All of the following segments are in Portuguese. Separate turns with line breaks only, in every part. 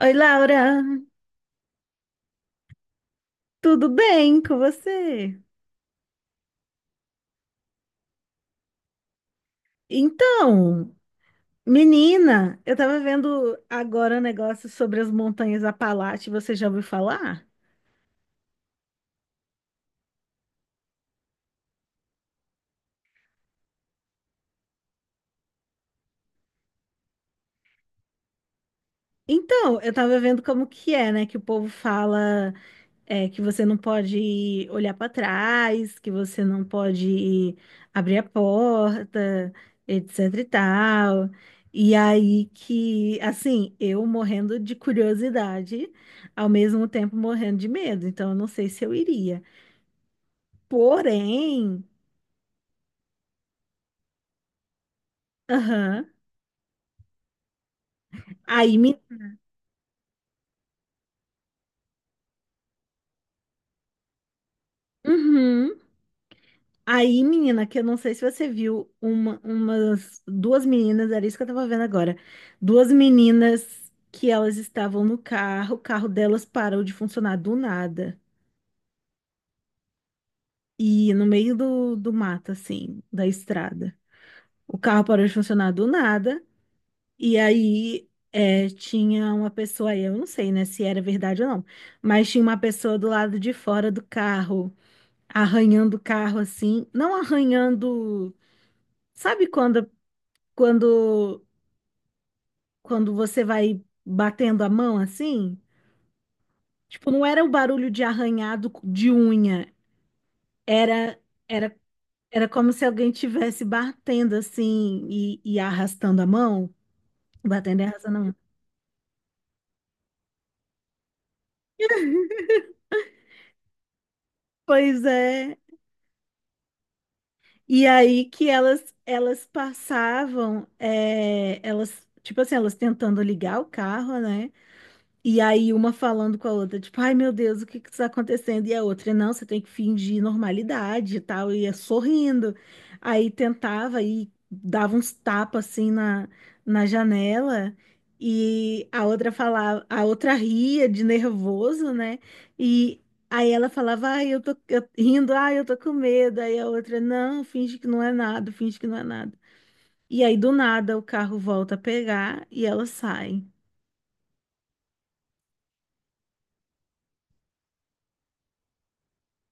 Oi, Laura, tudo bem com você? Então, menina, eu tava vendo agora um negócio sobre as montanhas Apalache, você já ouviu falar? Então, eu tava vendo como que é, né, que o povo fala. É, que você não pode olhar para trás, que você não pode abrir a porta, etc e tal. E aí que, assim, eu morrendo de curiosidade, ao mesmo tempo morrendo de medo. Então, eu não sei se eu iria. Porém, aham, aí me. Uhum. Aí, menina, que eu não sei se você viu, umas duas meninas, era isso que eu tava vendo agora. Duas meninas que elas estavam no carro, o carro delas parou de funcionar do nada. E no meio do mato, assim, da estrada. O carro parou de funcionar do nada. E aí tinha uma pessoa aí, eu não sei, né, se era verdade ou não, mas tinha uma pessoa do lado de fora do carro, arranhando o carro assim, não arranhando. Sabe quando quando você vai batendo a mão assim, tipo, não era o barulho de arranhado de unha, era era era como se alguém tivesse batendo assim e arrastando a mão, batendo e arrastando a mão. Pois é. E aí que elas passavam, é, elas tipo assim, elas tentando ligar o carro, né? E aí uma falando com a outra, tipo, ai, meu Deus, o que que está acontecendo? E a outra, não, você tem que fingir normalidade e tal, e ia sorrindo. Aí tentava e dava uns tapas assim na janela, e a outra falava, a outra ria de nervoso, né? E aí ela falava, ai, eu tô rindo, ai, eu tô com medo. Aí a outra, não, finge que não é nada, finge que não é nada. E aí do nada o carro volta a pegar e ela sai.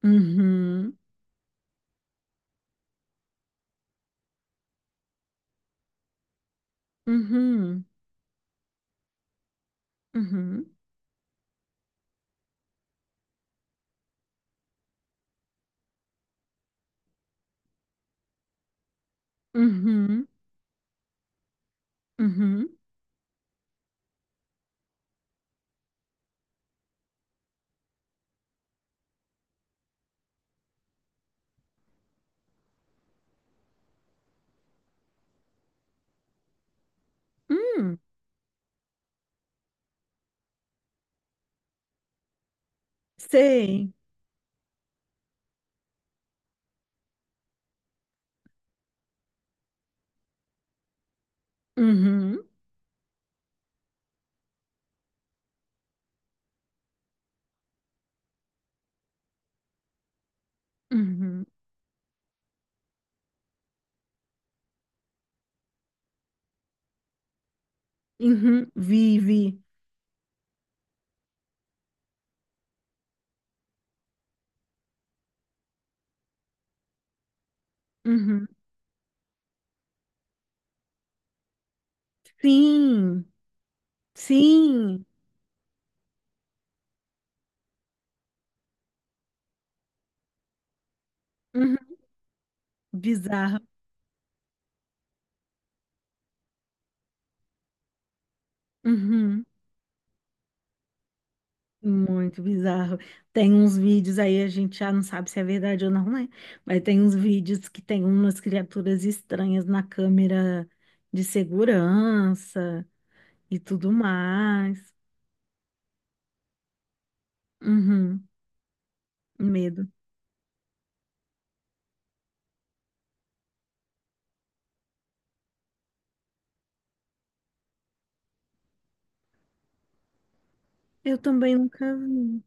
Uhum. Uhum. Uhum, uhum, uhum, hum, sei. Uhum, uhum, uhum, vi, vi. Uhum. Sim, sim. Uhum. Bizarro. Uhum. Muito bizarro. Tem uns vídeos aí, a gente já não sabe se é verdade ou não, né? Mas tem uns vídeos que tem umas criaturas estranhas na câmera de segurança e tudo mais. Uhum. Medo. Eu também nunca vi.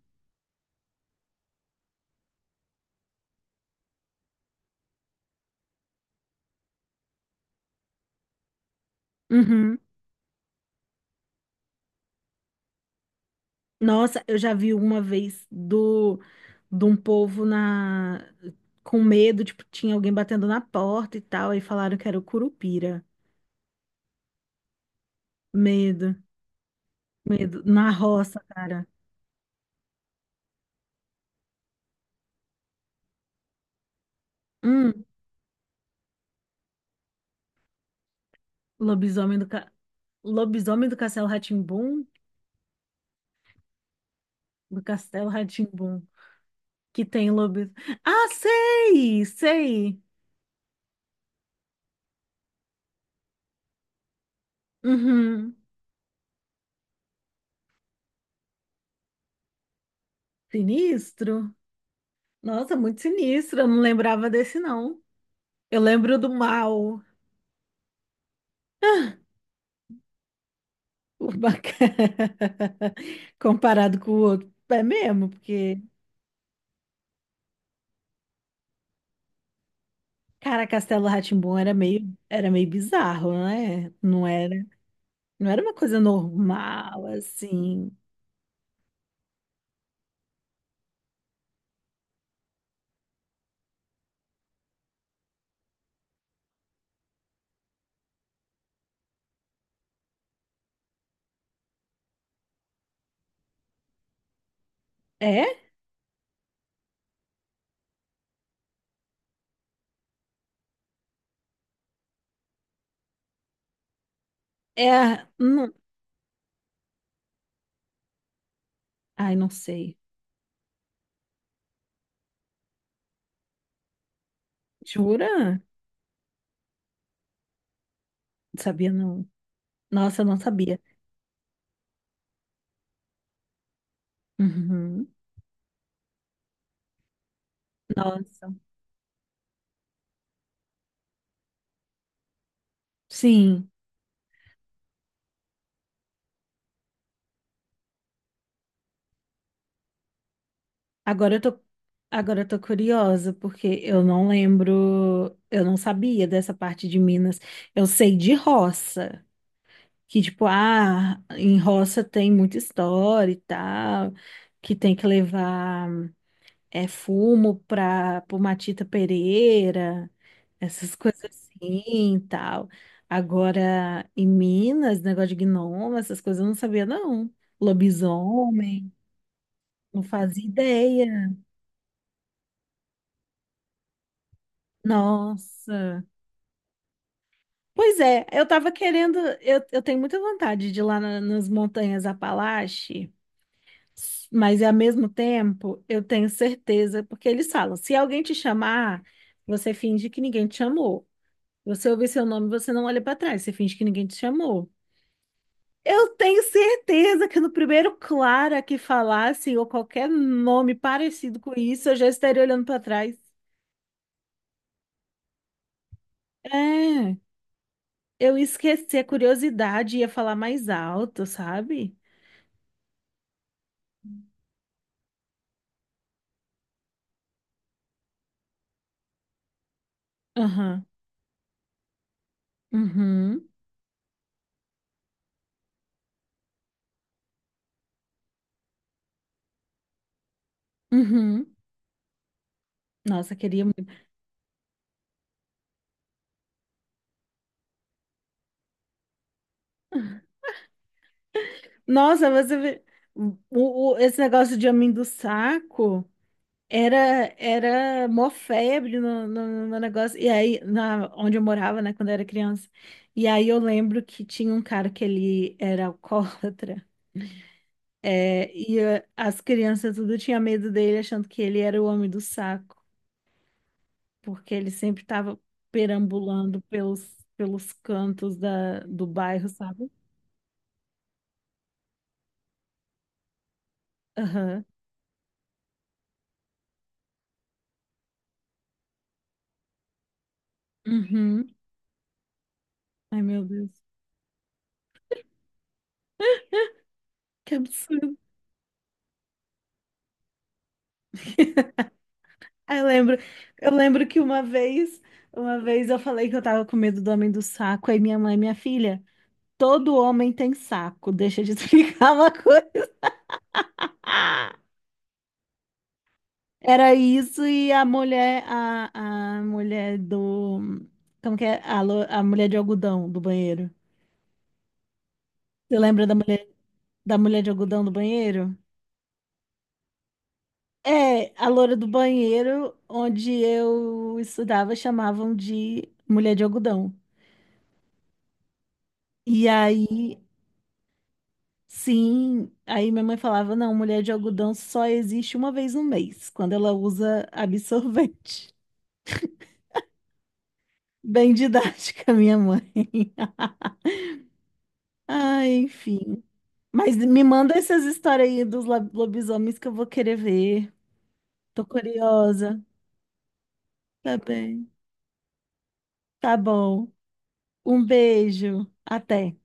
Uhum. Nossa, eu já vi uma vez do de um povo na com medo, tipo, tinha alguém batendo na porta e tal, aí falaram que era o Curupira. Medo, medo na roça, cara. Hum, lobisomem do ca... lobisomem Do Castelo rá que tem lobis. Ah, sei, sei. Uhum. Sinistro. Nossa, muito sinistro, eu não lembrava desse não. Eu lembro do mal. O bacana. Comparado com o outro. É mesmo, porque, cara, Castelo rá era meio bizarro, né? Não era, não era uma coisa normal, assim. É? É. Não, ai, não sei. Jura? Não sabia, não. Nossa, eu não sabia. Uhum. Nossa. Sim. Agora eu tô, agora eu tô curiosa, porque eu não lembro, eu não sabia dessa parte de Minas. Eu sei de roça. Que tipo, ah, em roça tem muita história e tal, que tem que levar é fumo para pro Matita Pereira, essas coisas assim e tal. Agora, em Minas, negócio de gnomo, essas coisas eu não sabia, não. Lobisomem, não fazia ideia. Nossa. Pois é, eu tava querendo, eu tenho muita vontade de ir lá nas montanhas Apalache. Mas ao mesmo tempo, eu tenho certeza, porque eles falam, se alguém te chamar, você finge que ninguém te chamou. Você ouvir seu nome, você não olha para trás, você finge que ninguém te chamou. Eu tenho certeza que no primeiro Clara que falasse, ou qualquer nome parecido com isso, eu já estaria olhando para trás. É, eu esqueci a curiosidade, e ia falar mais alto, sabe? Aham, uhum, uhum. Nossa, queria. Nossa, você o, esse negócio de homem do saco era mó febre no negócio. E aí, onde eu morava, né, quando eu era criança. E aí eu lembro que tinha um cara que ele era alcoólatra. É, e as crianças tudo tinha medo dele, achando que ele era o homem do saco, porque ele sempre estava perambulando pelos cantos do bairro, sabe? Aham. Uhum. Ai, meu Deus. Que absurdo. Eu lembro, eu lembro que uma vez eu falei que eu tava com medo do homem do saco, aí minha mãe, minha filha, todo homem tem saco, deixa de explicar uma coisa. Ah! Era isso e a mulher, a mulher do, como que é? A mulher de algodão do banheiro. Você lembra da mulher de algodão do banheiro? É, a loura do banheiro, onde eu estudava, chamavam de mulher de algodão. E aí Sim, aí minha mãe falava, não, mulher de algodão só existe uma vez no mês, quando ela usa absorvente. Bem didática, minha mãe. Ai, enfim. Mas me manda essas histórias aí dos lobisomens que eu vou querer ver. Tô curiosa. Tá bem. Tá bom. Um beijo. Até.